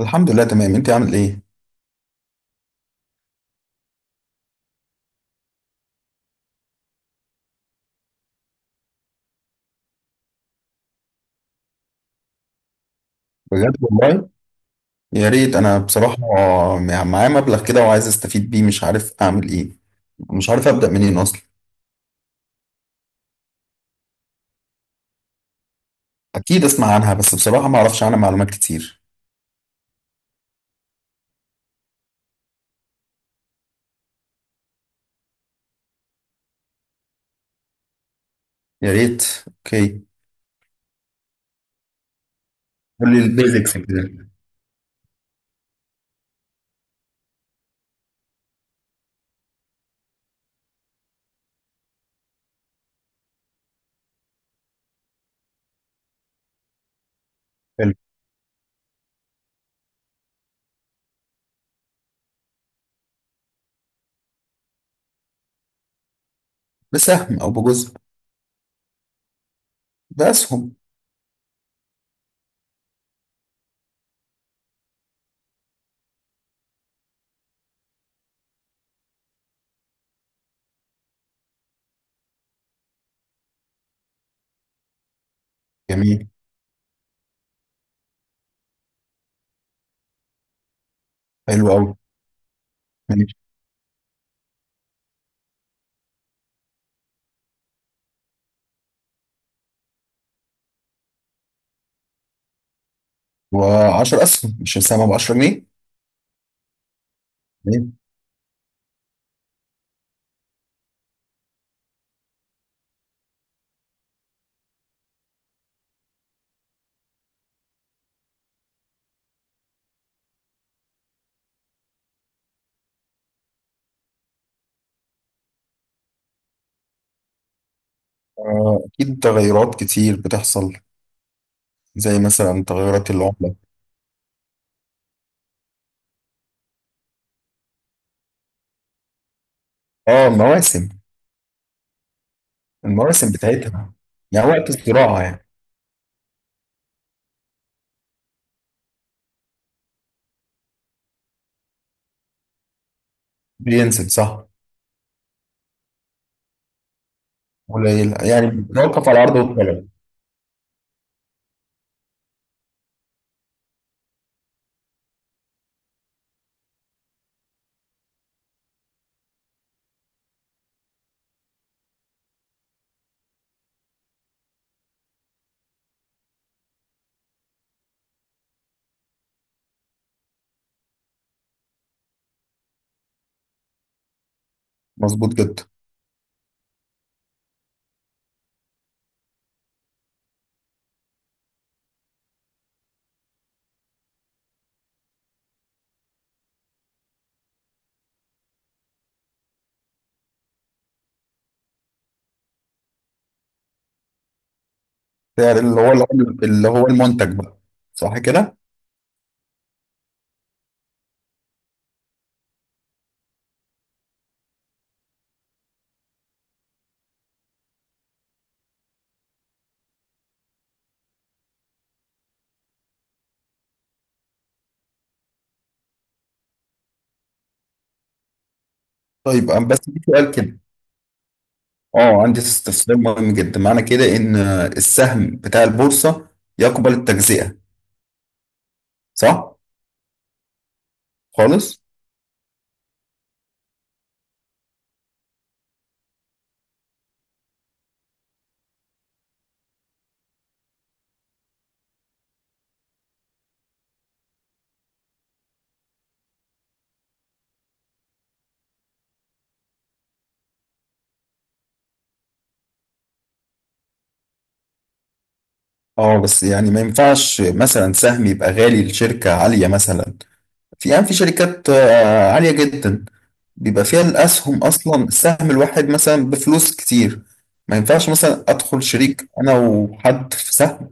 الحمد لله تمام، انت عامل ايه؟ بجد والله؟ يا ريت. انا بصراحه معايا مبلغ كده وعايز استفيد بيه، مش عارف اعمل ايه. مش عارف ابدا منين اصلا. اكيد اسمع عنها، بس بصراحه ما اعرفش عنها معلومات كتير. يا ريت. اوكي. قول لي البيزكس كده. حلو. بسهم او بجزء. باسهم. جميل. حلو قوي. ماشي. و10 اسهم، مش السهم ب 10 جنيه؟ جميل. اكيد تغيرات كتير بتحصل. زي مثلا تغيرات العمله. اه، مواسم. المواسم بتاعتها، يعني وقت الزراعة يعني. بينزل، صح. قليل، يعني بيتوقف على العرض والطلب. مظبوط جدا. سعر، اللي هو المنتج بقى. صح كده؟ طيب، بس في سؤال كده. اه، عندي استفسار مهم جدا. معنى كده ان السهم بتاع البورصة يقبل التجزئة؟ صح؟ خالص؟ اه بس يعني ما ينفعش مثلا سهم يبقى غالي لشركة عالية مثلا. في يعني في شركات عالية جدا، بيبقى فيها الأسهم، أصلا السهم الواحد مثلا بفلوس كتير. ما ينفعش مثلا أدخل شريك أنا وحد في سهم.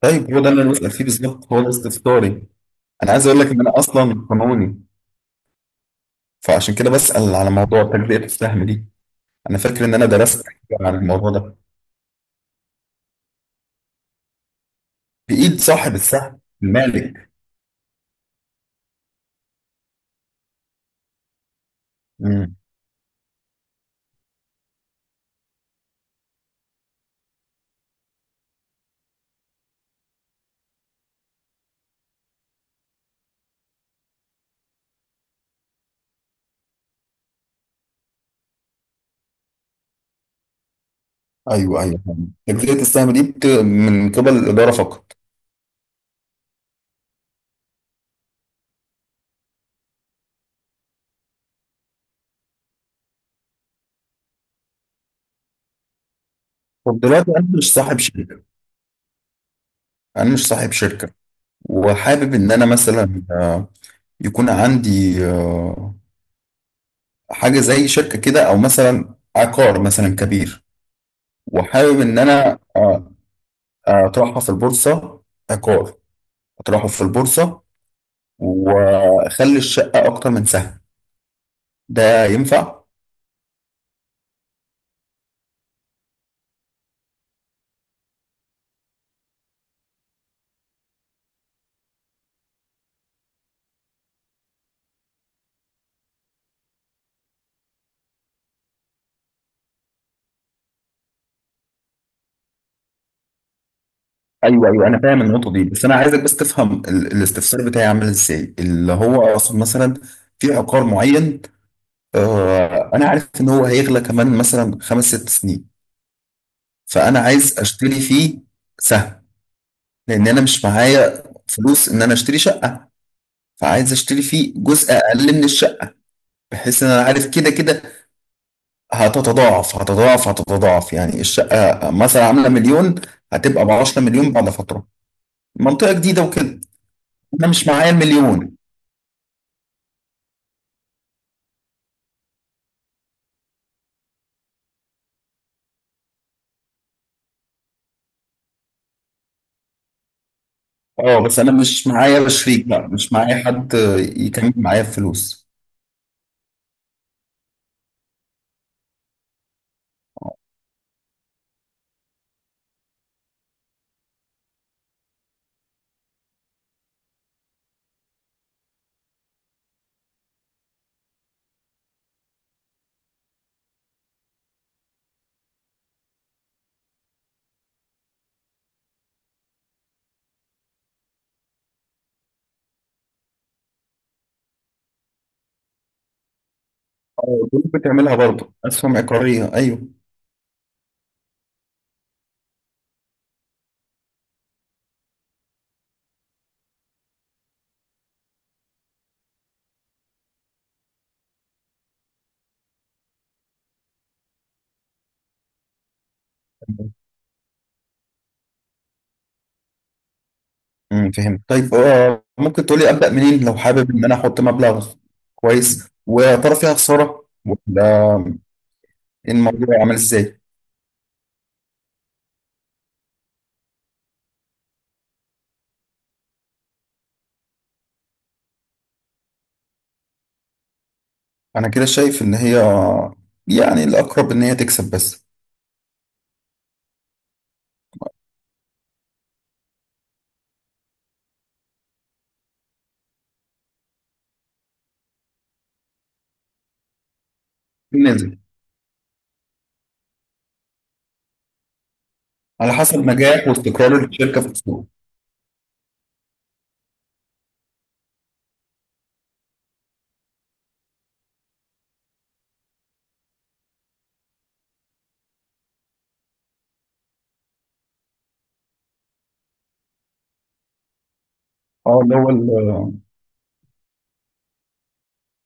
طيب، هو ده اللي أنا بسأل فيه بالظبط، هو ده استفساري. أنا عايز أقول لك إن أنا أصلا قانوني، فعشان كده بسأل على موضوع تجزئة السهم دي. أنا فاكر إن أنا درست حاجة عن الموضوع ده. بإيد صاحب السهم، المالك. مم. أيوه أيوه، فاهم. تجزئة السهم دي من قبل الإدارة فقط. طب دلوقتي أنا مش صاحب شركة. أنا مش صاحب شركة، وحابب ان انا مثلا يكون عندي حاجه زي شركه كده، او مثلا عقار مثلا كبير. وحابب ان انا اطرحها في البورصه. عقار اطرحه في البورصه، واخلي الشقه اكتر من سهم. ده ينفع؟ ايوه ايوه، انا فاهم النقطه دي، بس انا عايزك بس تفهم الاستفسار بتاعي عامل ازاي. اللي هو اقصد مثلا في عقار معين، انا عارف ان هو هيغلى كمان مثلا 5 6 سنين، فانا عايز اشتري فيه سهم. لان انا مش معايا فلوس ان انا اشتري شقه، فعايز اشتري فيه جزء اقل من الشقه. بحيث ان انا عارف كده كده هتتضاعف. يعني الشقه مثلا عامله مليون، هتبقى ب 10 مليون بعد فتره، منطقه جديده وكده. انا مش معايا مليون. اه بس انا مش معايا شريك بقى، مش معايا حد يكمل معايا الفلوس. اه، دول بتعملها برضه اسهم عقاريه، ايوه. امم، فهمت. طيب ممكن تقولي ابدا منين لو حابب ان انا احط مبلغ كويس؟ ويا ترى فيها خساره ولا؟ إيه الموضوع عامل ازاي؟ انا كده شايف ان هي، يعني الاقرب ان هي تكسب بس. نازل. على حسب نجاح واستقرار الشركه في السوق. اه، اللي هو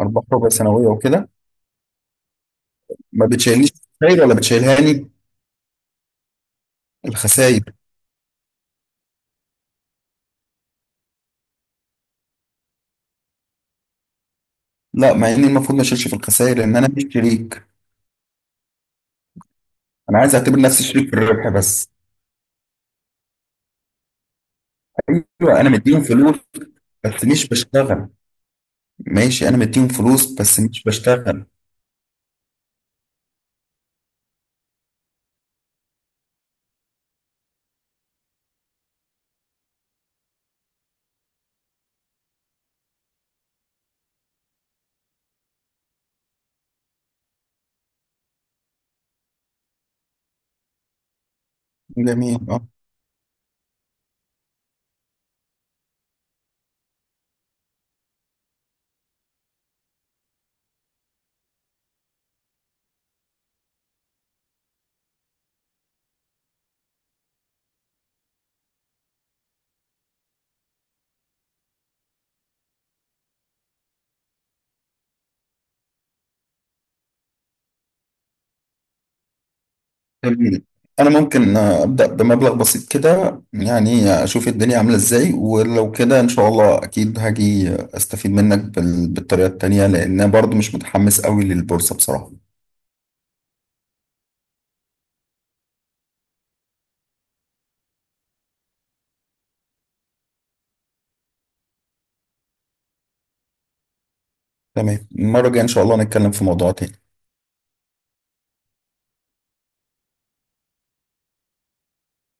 ارباح ربع سنويه وكده. ما بتشيلنيش خسائر ولا بتشيلهاني؟ الخسائر. لا، مع اني المفروض ما اشيلش في الخسائر لان انا مش شريك. انا عايز اعتبر نفسي شريك في الربح بس. ايوه انا مديهم فلوس بس مش بشتغل. ماشي، انا مديهم فلوس بس مش بشتغل. جميل، اه. جميل. انا ممكن ابدا بمبلغ بسيط كده، يعني اشوف الدنيا عامله ازاي، ولو كده ان شاء الله اكيد هاجي استفيد منك بالطريقه التانيه. لان أنا برضو مش متحمس قوي للبورصه بصراحه. تمام، المره الجايه ان شاء الله نتكلم في موضوع تاني.